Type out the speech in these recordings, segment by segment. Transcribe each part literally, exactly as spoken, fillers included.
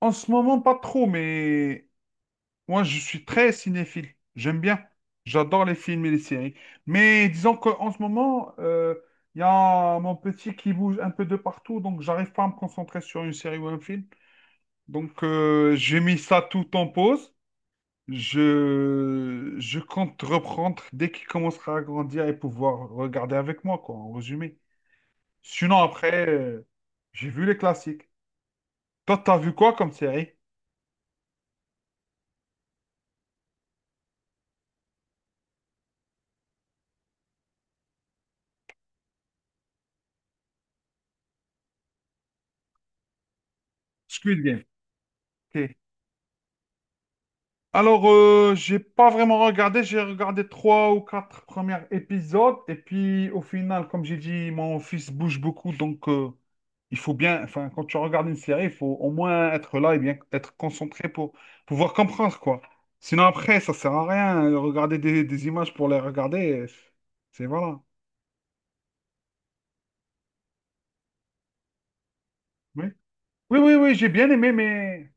En ce moment, pas trop, mais moi, je suis très cinéphile. J'aime bien. J'adore les films et les séries. Mais disons qu'en ce moment, euh, il y a mon petit qui bouge un peu de partout, donc j'arrive pas à me concentrer sur une série ou un film. Donc, euh, j'ai mis ça tout en pause. Je, je compte reprendre dès qu'il commencera à grandir et pouvoir regarder avec moi, quoi, en résumé. Sinon, après, euh, j'ai vu les classiques. Toi, t'as vu quoi comme série? Squid Game. Ok. Alors, euh, j'ai pas vraiment regardé, j'ai regardé trois ou quatre premiers épisodes, et puis au final, comme j'ai dit, mon fils bouge beaucoup, donc euh, il faut bien, enfin, quand tu regardes une série, il faut au moins être là et bien être concentré pour pouvoir comprendre, quoi. Sinon, après, ça sert à rien, euh, regarder des, des images pour les regarder, euh, c'est voilà. Oui. Oui, oui, oui, j'ai bien aimé, mais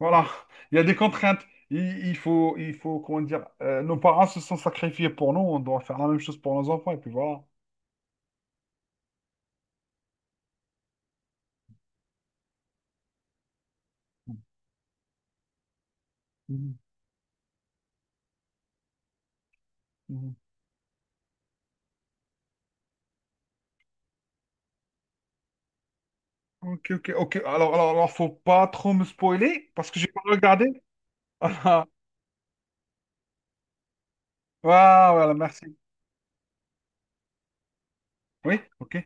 voilà, il y a des contraintes. Il, il faut, il faut, comment dire, euh, nos parents se sont sacrifiés pour nous, on doit faire la même chose pour nos enfants, et puis voilà. Mhm, mhm. Ok, ok, ok. Alors, alors, alors, faut pas trop me spoiler, parce que j'ai pas regardé. Ah, ah, voilà, merci. Oui, ok,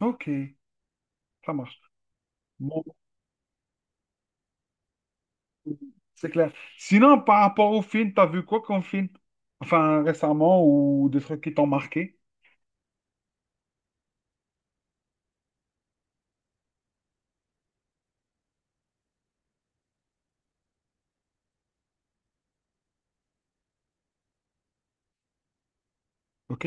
ok, ça marche. Bon, c'est clair. Sinon, par rapport au film, t'as vu quoi comme film? Enfin, récemment, ou des trucs qui t'ont marqué? Ok,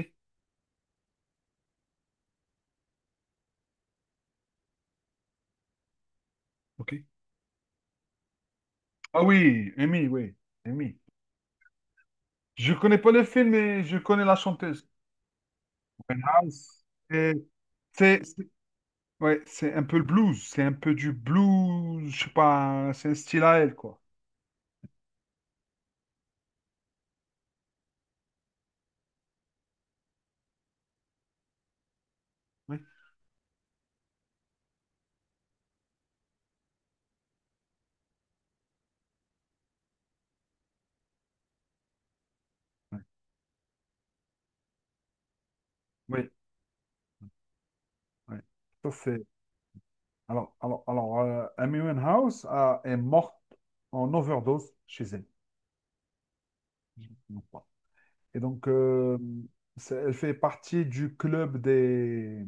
ok. Ah oui, Amy, oui, Amy. Je connais pas le film, mais je connais la chanteuse. Winehouse. Et C'est c'est- ouais, c'est un peu le blues, c'est un peu du blues, je sais pas, c'est un style à elle, quoi. Oui, oui, oui. Oui. Ça, c'est... Alors, alors, alors euh, Amy Winehouse a- est morte en overdose chez elle. Je ne me trompe pas. Et donc, euh, c'est- elle fait partie du club des,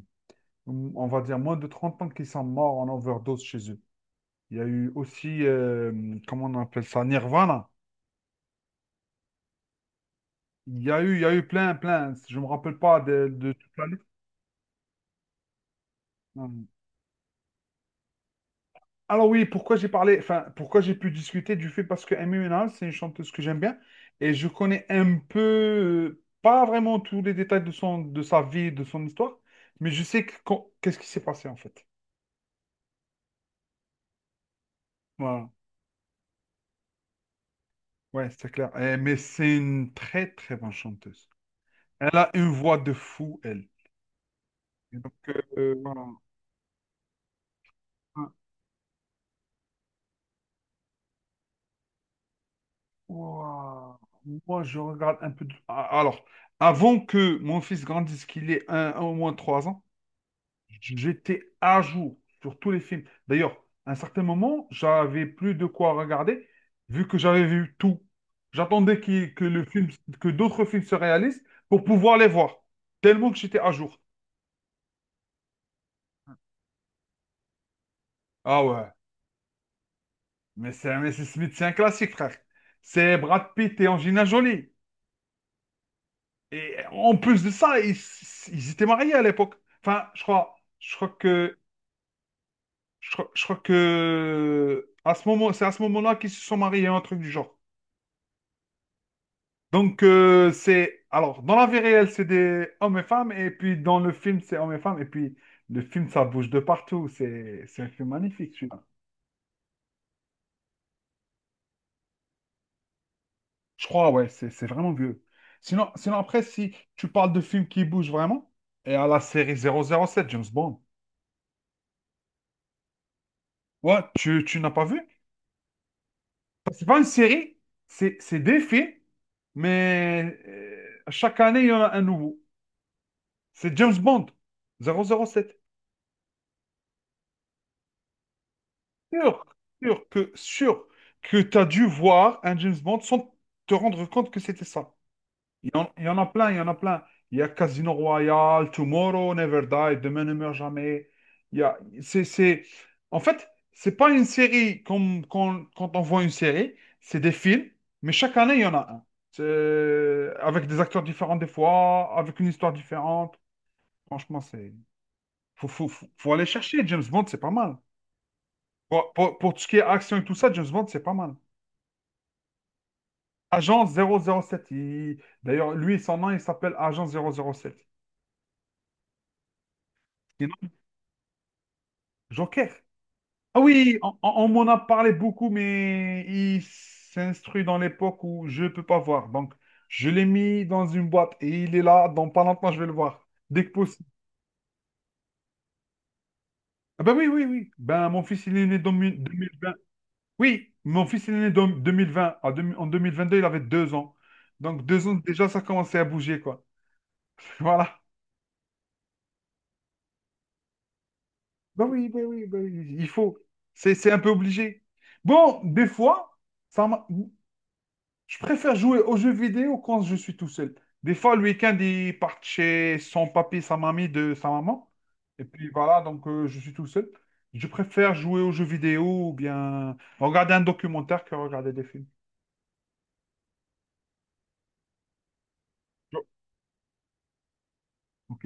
on va dire, moins de trente ans qui sont morts en overdose chez eux. Il y a eu aussi, euh, comment on appelle ça, Nirvana. Il y a eu, il y a eu plein, plein. Je me rappelle pas de, de toute la liste. Hum. Alors oui, pourquoi j'ai parlé, enfin, pourquoi j'ai pu discuter du fait parce que Amy Winehouse, c'est une chanteuse que j'aime bien et je connais un peu, euh, pas vraiment tous les détails de son, de sa vie, de son histoire, mais je sais que quand- qu'est-ce qui s'est passé en fait. Voilà. Ouais, c'est clair. Eh, mais c'est une très, très bonne chanteuse. Elle a une voix de fou, elle. Et donc, euh, euh, voilà. Ouah, moi, je regarde un peu. de- Ah, alors, avant que mon fils grandisse, qu'il ait un, un ou moins trois ans, j'étais à jour sur tous les films. D'ailleurs, à un certain moment, j'avais plus de quoi regarder, vu que j'avais vu tout. J'attendais qu'il- que le film, que d'autres films se réalisent pour pouvoir les voir. Tellement que j'étais à jour. Ah ouais, mais c'est mais c'est Smith, c'est un classique, frère. C'est Brad Pitt et Angelina Jolie. Et en plus de ça, ils, ils étaient mariés à l'époque. Enfin, je crois, je crois que, je crois, je crois que à ce moment, c'est à ce moment-là qu'ils se sont mariés, un truc du genre. Donc euh, c'est, alors, dans la vie réelle, c'est des hommes et femmes, et puis dans le film, c'est hommes et femmes, et puis le film, ça bouge de partout. C'est, c'est un film magnifique, celui-là. Je crois, ouais, c'est, c'est vraiment vieux. Sinon, sinon après, si tu parles de films qui bougent vraiment, et à la série zéro zéro sept, James Bond, ouais, tu, tu n'as pas vu? C'est pas une série, c'est c'est des films, mais euh, chaque année, il y en a un nouveau. C'est James Bond, zéro zéro sept. Sûr, sûr que, sûr que tu as dû voir un James Bond sans te rendre compte que c'était ça. Il y en, il y en a plein, il y en a plein. Il y a Casino Royale, Tomorrow Never Die, Demain ne meurt jamais. Il y a, c'est, c'est... En fait, c'est pas une série comme quand, quand on voit une série, c'est des films, mais chaque année, il y en a un. C'est- Avec des acteurs différents des fois, avec une histoire différente. Franchement, c'est... Faut, faut, faut, faut aller chercher. James Bond, c'est pas mal. Pour, pour, pour tout ce qui est action et tout ça, James Bond, c'est pas mal. Agent zéro zéro sept, il- d'ailleurs, lui, son nom, il s'appelle Agent zéro zéro sept. Sinon, Joker. Ah oui, on, on- on m'en a parlé beaucoup, mais il s'instruit dans l'époque où je ne peux pas voir. Donc, je l'ai mis dans une boîte et il est là. Dans pas longtemps, je vais le voir. Dès que possible. Ah ben oui, oui, oui. Ben, mon fils, il est né dans mi- deux mille vingt. Oui, mon fils, il est né dans deux mille vingt. En deux mille en deux mille vingt-deux, il avait deux ans. Donc, deux ans, déjà, ça commençait à bouger, quoi. Voilà. Ben oui, ben oui, ben oui, il faut. C'est, c'est un peu obligé. Bon, des fois, ça m'a- je préfère jouer aux jeux vidéo quand je suis tout seul. Des fois, le week-end, ils partent chez son papy, sa mamie, de sa maman. Et puis voilà, donc euh, je suis tout seul. Je préfère jouer aux jeux vidéo ou bien regarder un documentaire que regarder des films. Oh, ok,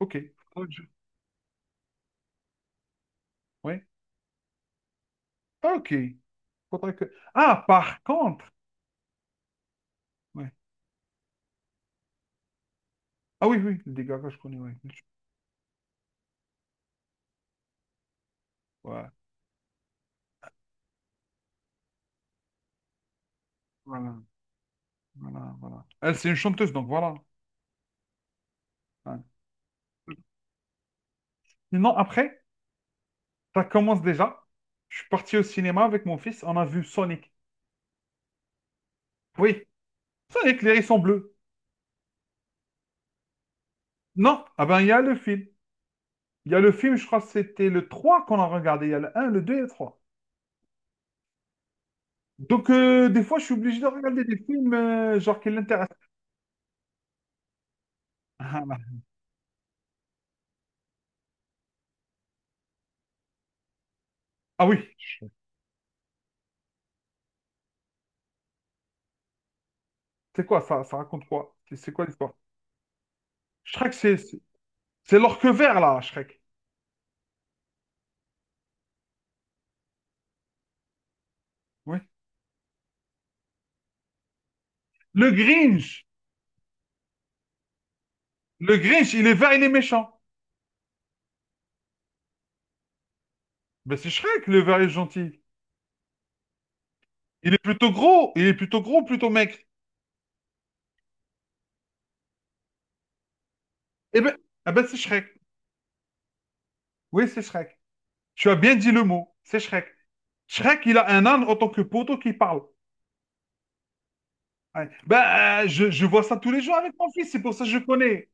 ok. Faudrait que je- Ouais. Ah, ok. Faudrait que... Ah, par contre. Ouais. Ah oui, oui, le dégât que je connais. Ouais. Ouais. Voilà, voilà, voilà. Elle, c'est une chanteuse, donc voilà. Ouais. Sinon, après, ça commence déjà. Je suis parti au cinéma avec mon fils, on a vu Sonic. Oui, Sonic, les sont bleus. Non, ah ben il y a le film. Il y a le film, je crois que c'était le trois qu'on a regardé. Il y a le un, le deux et le trois. Donc euh, des fois, je suis obligé de regarder des films euh, genre qui l'intéressent. Ah ah oui, c'est quoi ça? Ça raconte quoi? C'est c'est quoi l'histoire? Shrek, c'est c'est- c'est l'orque vert là, Shrek. Oui. Le Grinch. Le Grinch, il est vert, il est méchant. Ben c'est Shrek, le vert est gentil. Il est plutôt gros, il est plutôt gros, plutôt maigre. Eh ben, eh ben, c'est Shrek. Oui, c'est Shrek. Tu as bien dit le mot. C'est Shrek. Shrek, il a un âne en tant que poteau qui parle. Ouais. Ben, euh, je, je vois ça tous les jours avec mon fils. C'est pour ça que je connais.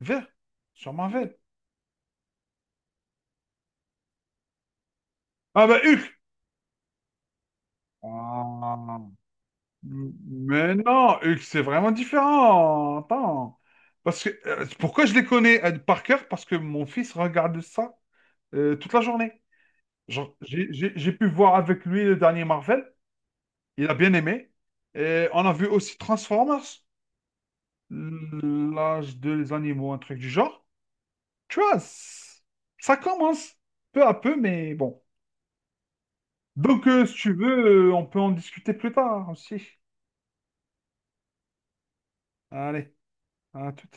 Vert. Sur Marvel. Ah ben, Hulk. Ah. Mais non, Hulk, c'est vraiment différent. Attends. Parce que, euh, pourquoi je les connais euh, par cœur? Parce que mon fils regarde ça euh, toute la journée. Genre, j'ai j'ai- j'ai pu voir avec lui le dernier Marvel. Il a bien aimé. Et on a vu aussi Transformers, l'âge des animaux, un truc du genre. Tu vois, c- ça commence peu à peu, mais bon. Donc, euh, si tu veux, euh, on peut en discuter plus tard aussi. Allez, à tout.